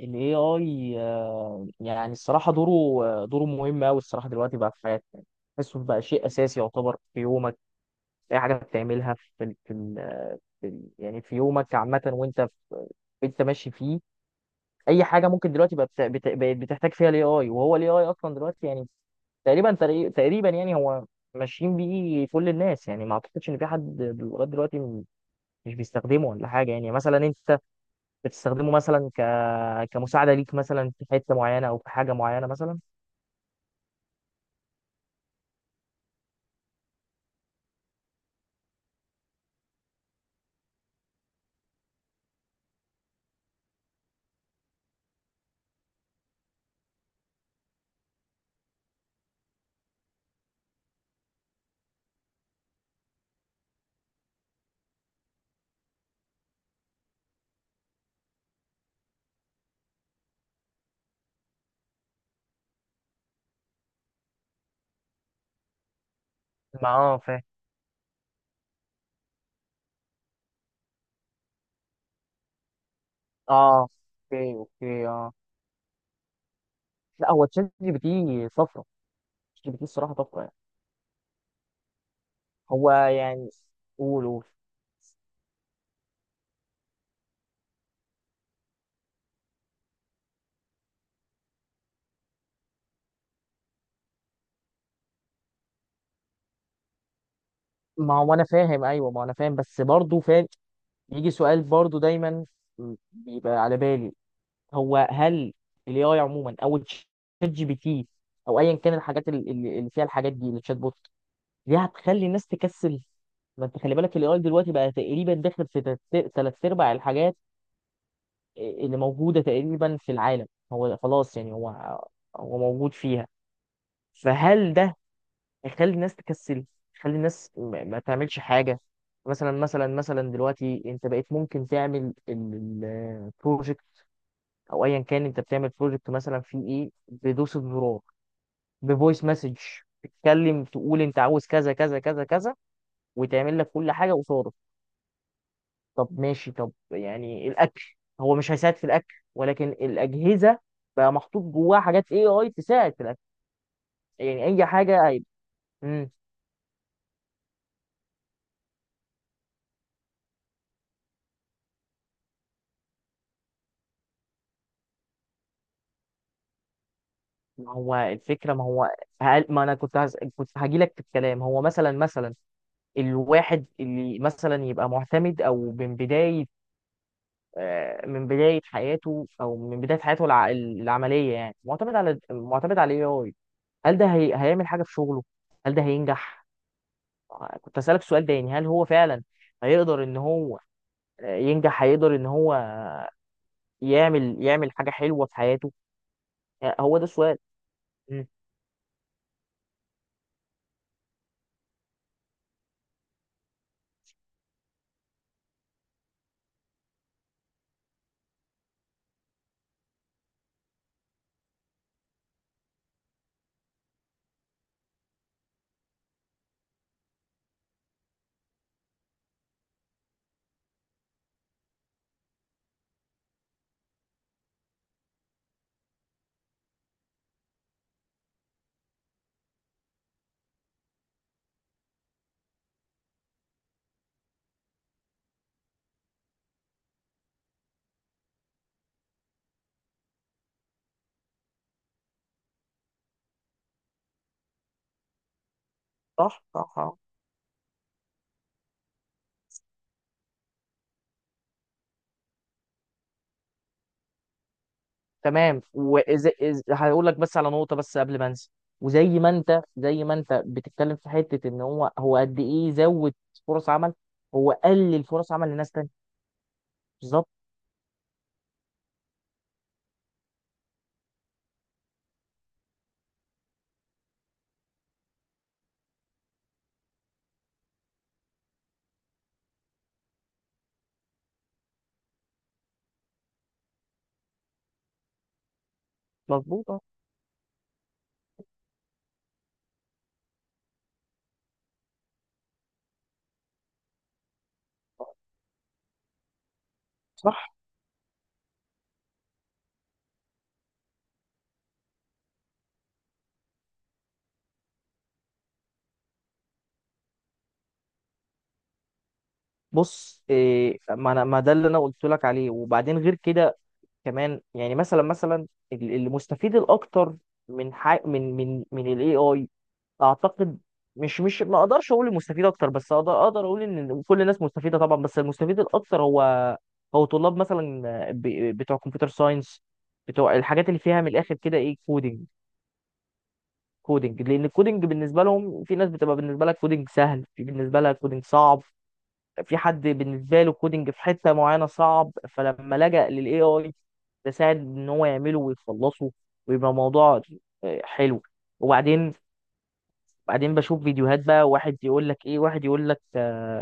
ال AI يعني الصراحة دوره. دوره مهم أوي الصراحة دلوقتي بقى في حياتنا. تحسه بقى شيء أساسي يعتبر في يومك، في أي حاجة بتعملها في ال في ال في ال يعني في يومك عامة، وأنت أنت ماشي فيه. أي حاجة ممكن دلوقتي بقى بقت بتحتاج فيها ال AI، وهو ال AI أصلا دلوقتي يعني تقريبا يعني هو ماشيين بيه كل الناس. يعني ما أعتقدش إن في حد لغاية دلوقتي مش بيستخدمه ولا حاجة. يعني مثلا أنت بتستخدمه مثلا يعني كمساعدة ليك مثلا في حتة معينة أو في حاجة معينة مثلا؟ ما فاهم. اه، اوكي اوكي، اه لا هو تشات جي بي تي طفره. تشات جي بي تي الصراحه طفره يعني. هو يعني قول قول. ما هو انا فاهم، ايوه ما انا فاهم، بس برضه فاهم يجي سؤال برضه دايما بيبقى على بالي. هو هل الاي اي عموما، او تشات جي بي تي، او ايا كان الحاجات اللي فيها الحاجات دي، الشات بوت دي، هتخلي الناس تكسل؟ ما انت خلي بالك الاي اي دلوقتي بقى تقريبا داخل في تلات ارباع الحاجات اللي موجودة تقريبا في العالم. هو خلاص يعني هو هو موجود فيها. فهل ده هيخلي الناس تكسل، يخلي الناس ما تعملش حاجة؟ مثلا دلوقتي انت بقيت ممكن تعمل البروجكت، او ايا كان انت بتعمل بروجكت مثلا، في ايه، بدوسة زرار، بفويس مسج، تتكلم تقول انت عاوز كذا كذا كذا كذا، وتعمل لك كل حاجة قصادك. طب ماشي، طب يعني الاكل، هو مش هيساعد في الاكل، ولكن الاجهزه بقى محطوط جواها حاجات اي اي تساعد في الاكل. يعني اي حاجه هيبقى. امم، ما هو الفكره، ما هو ما انا كنت هاجي لك في الكلام. هو مثلا مثلا الواحد اللي مثلا يبقى معتمد، او من بدايه من بدايه حياته، او من بدايه حياته العمليه يعني، معتمد على الاي اي، هل ده هيعمل حاجه في شغله؟ هل ده هينجح؟ كنت اسالك سؤال تاني، هل هو فعلا هيقدر ان هو ينجح، هيقدر ان هو يعمل حاجه حلوه في حياته؟ هو ده السؤال. مم. صح صح، آه. تمام، هقول لك بس على نقطه بس قبل ما انسى. وزي ما انت زي ما انت بتتكلم في حته ان هو، هو قد ايه زود فرص عمل، هو قلل فرص عمل لناس تانية؟ بالظبط. مظبوط آه. صح. بص إيه، ما انا ما ده اللي انا قلت لك عليه. وبعدين غير كده كمان يعني مثلا، ال- المستفيد الاكتر من حي... من من من الاي اي، اعتقد مش مش ما اقدرش اقول المستفيد اكتر، بس اقدر اقول ان كل الناس مستفيده طبعا، بس المستفيد الاكتر هو طلاب مثلا، ب... بتوع كمبيوتر ساينس، بتوع الحاجات اللي فيها من الاخر كده، ايه، كودينج. كودينج لان الكودينج بالنسبه لهم، في ناس بتبقى بالنسبه لها كودينج سهل، في بالنسبه لها كودينج صعب، في حد بالنسبه له كودنج في حته معينه صعب، فلما لجأ للاي اي، ده ساعد ان هو يعمله ويخلصه ويبقى موضوع حلو. وبعدين، بعدين بشوف فيديوهات بقى، واحد يقول لك ايه، واحد يقول لك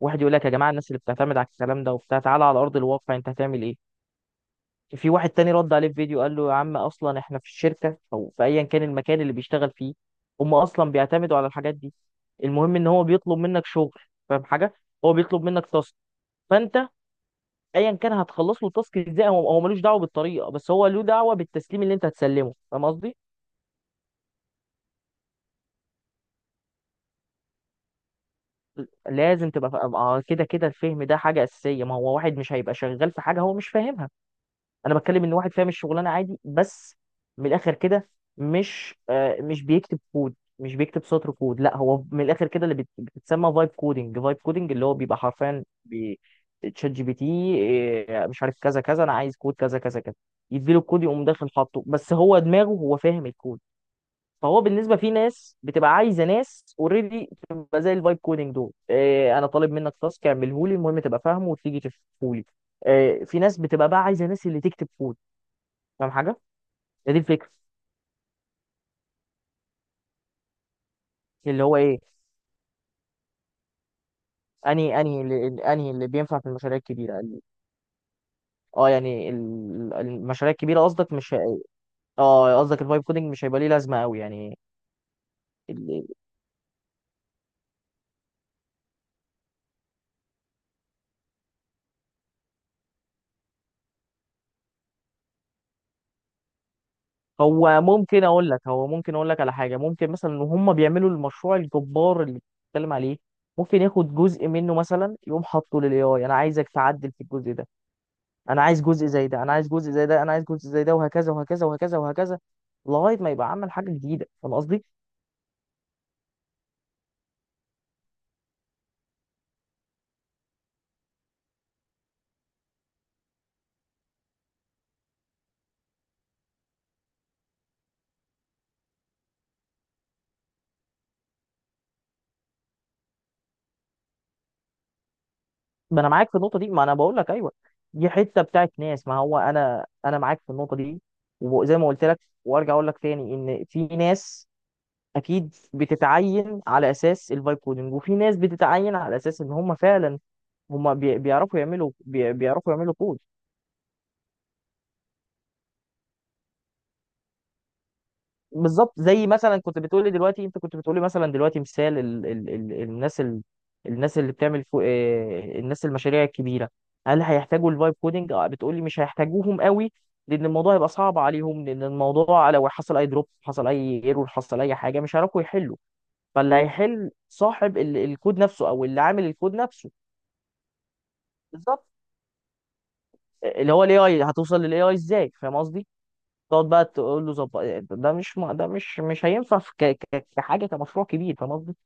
واحد يقول لك يا جماعه الناس اللي بتعتمد على الكلام ده وبتاع، تعالى على ارض الواقع انت هتعمل ايه؟ في واحد تاني رد عليه في فيديو قال له يا عم، اصلا احنا في الشركه، او في ايا كان المكان اللي بيشتغل فيه، هم اصلا بيعتمدوا على الحاجات دي. المهم ان هو بيطلب منك شغل، فاهم حاجه؟ هو بيطلب منك تاسك، فانت ايا كان هتخلص له التاسك ازاي، هو هو ملوش دعوه بالطريقه، بس هو له دعوه بالتسليم اللي انت هتسلمه، فاهم قصدي؟ لازم تبقى كده كده الفهم ده حاجه اساسيه. ما هو واحد مش هيبقى شغال في حاجه هو مش فاهمها. انا بتكلم ان واحد فاهم الشغلانه عادي، بس من الاخر كده مش بيكتب كود، مش بيكتب سطر كود. لا هو من الاخر كده، اللي بتتسمى فايب كودنج. فايب كودنج اللي هو بيبقى حرفيا تشات جي بي تي، إيه، مش عارف كذا كذا، انا عايز كود كذا كذا كذا، يديله الكود يقوم داخل حاطه، بس هو دماغه هو فاهم الكود. فهو بالنسبه، في ناس بتبقى عايزه ناس اوريدي تبقى زي الفايب كودنج دول، إيه، انا طالب منك تاسك، اعمله لي، المهم تبقى فاهمه وتيجي تفهمه لي. في ناس بتبقى بقى عايزه ناس اللي تكتب كود، فاهم حاجه؟ هي دي الفكره. اللي هو ايه، انهي انهي اللي انهي اللي بينفع في المشاريع الكبيره. ال- اه يعني ال- المشاريع الكبيره قصدك، مش هي- اه قصدك الفايب كودنج مش هيبقى ليه لازمه قوي يعني. ال- هو ممكن اقول لك، هو ممكن اقول لك على حاجه، ممكن مثلا ان هم بيعملوا المشروع الجبار اللي بتتكلم عليه، ممكن ياخد جزء منه مثلا يقوم حاطه للاي اي، انا عايزك تعدل في الجزء ده، انا عايز جزء زي ده، انا عايز جزء زي ده، انا عايز جزء زي ده، وهكذا وهكذا وهكذا وهكذا لغايه ما يبقى عمل حاجه جديده، فاهم قصدي؟ ما انا معاك في النقطه دي، ما انا بقول لك ايوه، دي حته بتاعت ناس. ما هو انا، انا معاك في النقطه دي. وزي ما قلت لك وارجع اقول لك تاني، ان في ناس اكيد بتتعين على اساس الفايب كودنج، وفي ناس بتتعين على اساس ان هم فعلا، هم بيعرفوا يعملوا بيعرفوا يعملوا كود. بالظبط زي مثلا كنت بتقولي دلوقتي، انت كنت بتقولي مثلا دلوقتي، مثال ال ال ال الناس، الناس اللي بتعمل فو اه الناس المشاريع الكبيره، هل هيحتاجوا الفايب كودنج؟ اه بتقولي مش هيحتاجوهم قوي، لان الموضوع هيبقى صعب عليهم، لان الموضوع لو حصل اي دروب، حصل اي ايرور، حصل اي حاجه مش هيعرفوا يحلوا. فاللي هيحل صاحب ال الكود نفسه، او اللي عامل الكود نفسه. بالظبط. اللي هو الاي اي، هتوصل للاي اي ازاي، فاهم قصدي؟ تقعد بقى تقول له ظبط. ده مش م- ده مش مش هينفع كحاجه، كمشروع كبير، فاهم قصدي؟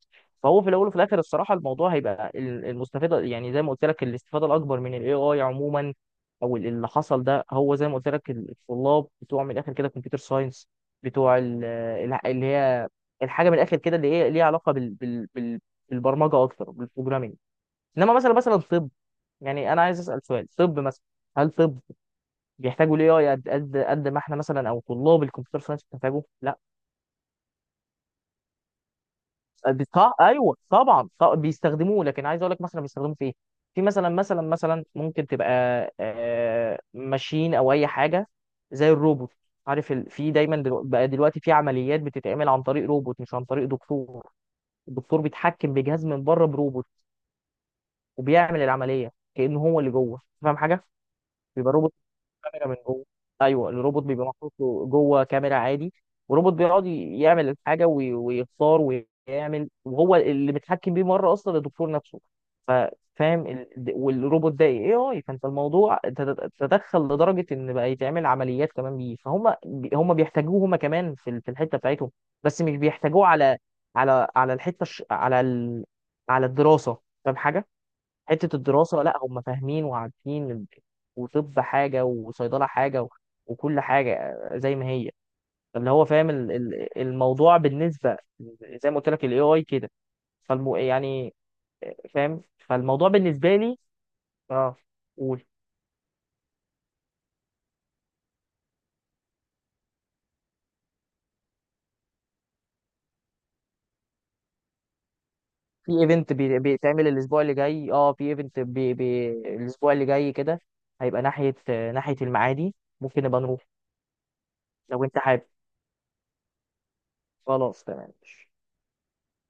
فهو في الاول وفي الاخر الصراحه، الموضوع هيبقى المستفاده، يعني زي ما قلت لك، الاستفاده الاكبر من الاي اي عموما، او ال- اللي حصل ده، هو زي ما قلت لك، ال- الطلاب بتوع من الاخر كده كمبيوتر ساينس، بتوع اللي هي الحاجه من الاخر كده اللي هي ليها علاقه بالبرمجه اكتر، بالبروجرامينج. انما مثلا طب يعني، انا عايز اسال سؤال، طب مثلا هل، طب بيحتاجوا الاي اي قد ما احنا مثلا، او طلاب الكمبيوتر ساينس بتحتاجه، لا؟ ايوه طبعا بيستخدموه، لكن عايز اقول لك مثلا بيستخدموه في ايه. في مثلا ممكن تبقى ماشين او اي حاجه زي الروبوت. عارف في دايما بقى دلوقتي في عمليات بتتعمل عن طريق روبوت مش عن طريق دكتور. الدكتور بيتحكم بجهاز من بره بروبوت، وبيعمل العمليه كانه هو اللي جوه، فاهم حاجه؟ بيبقى الروبوت كاميرا من جوه. ايوه الروبوت بيبقى محطوط له جوه كاميرا عادي، وروبوت بيقعد يعمل الحاجه ويختار ويعمل، وهو اللي متحكم بيه مره اصلا الدكتور نفسه. ف- فاهم والروبوت ده اي اي، فانت الموضوع تدخل لدرجه ان بقى يتعمل عمليات كمان بيه، فهم هم بيحتاجوه هم كمان في الحته بتاعتهم، بس مش بيحتاجوه على الحته الش- على ال... على الدراسه، فاهم حاجه؟ حته الدراسه لا، هم فاهمين وعارفين وطب حاجه وصيدله حاجه وكل حاجه زي ما هي، اللي هو فاهم الموضوع بالنسبه زي ما قلت لك الاي اي كده. فالمو يعني فاهم، فالموضوع بالنسبه لي، اه قول. في ايفنت بيتعمل الاسبوع اللي جاي، اه في ايفنت بي بي الاسبوع اللي جاي كده، هيبقى ناحيه المعادي، ممكن نبقى نروح لو انت حابب. خلاص تمام.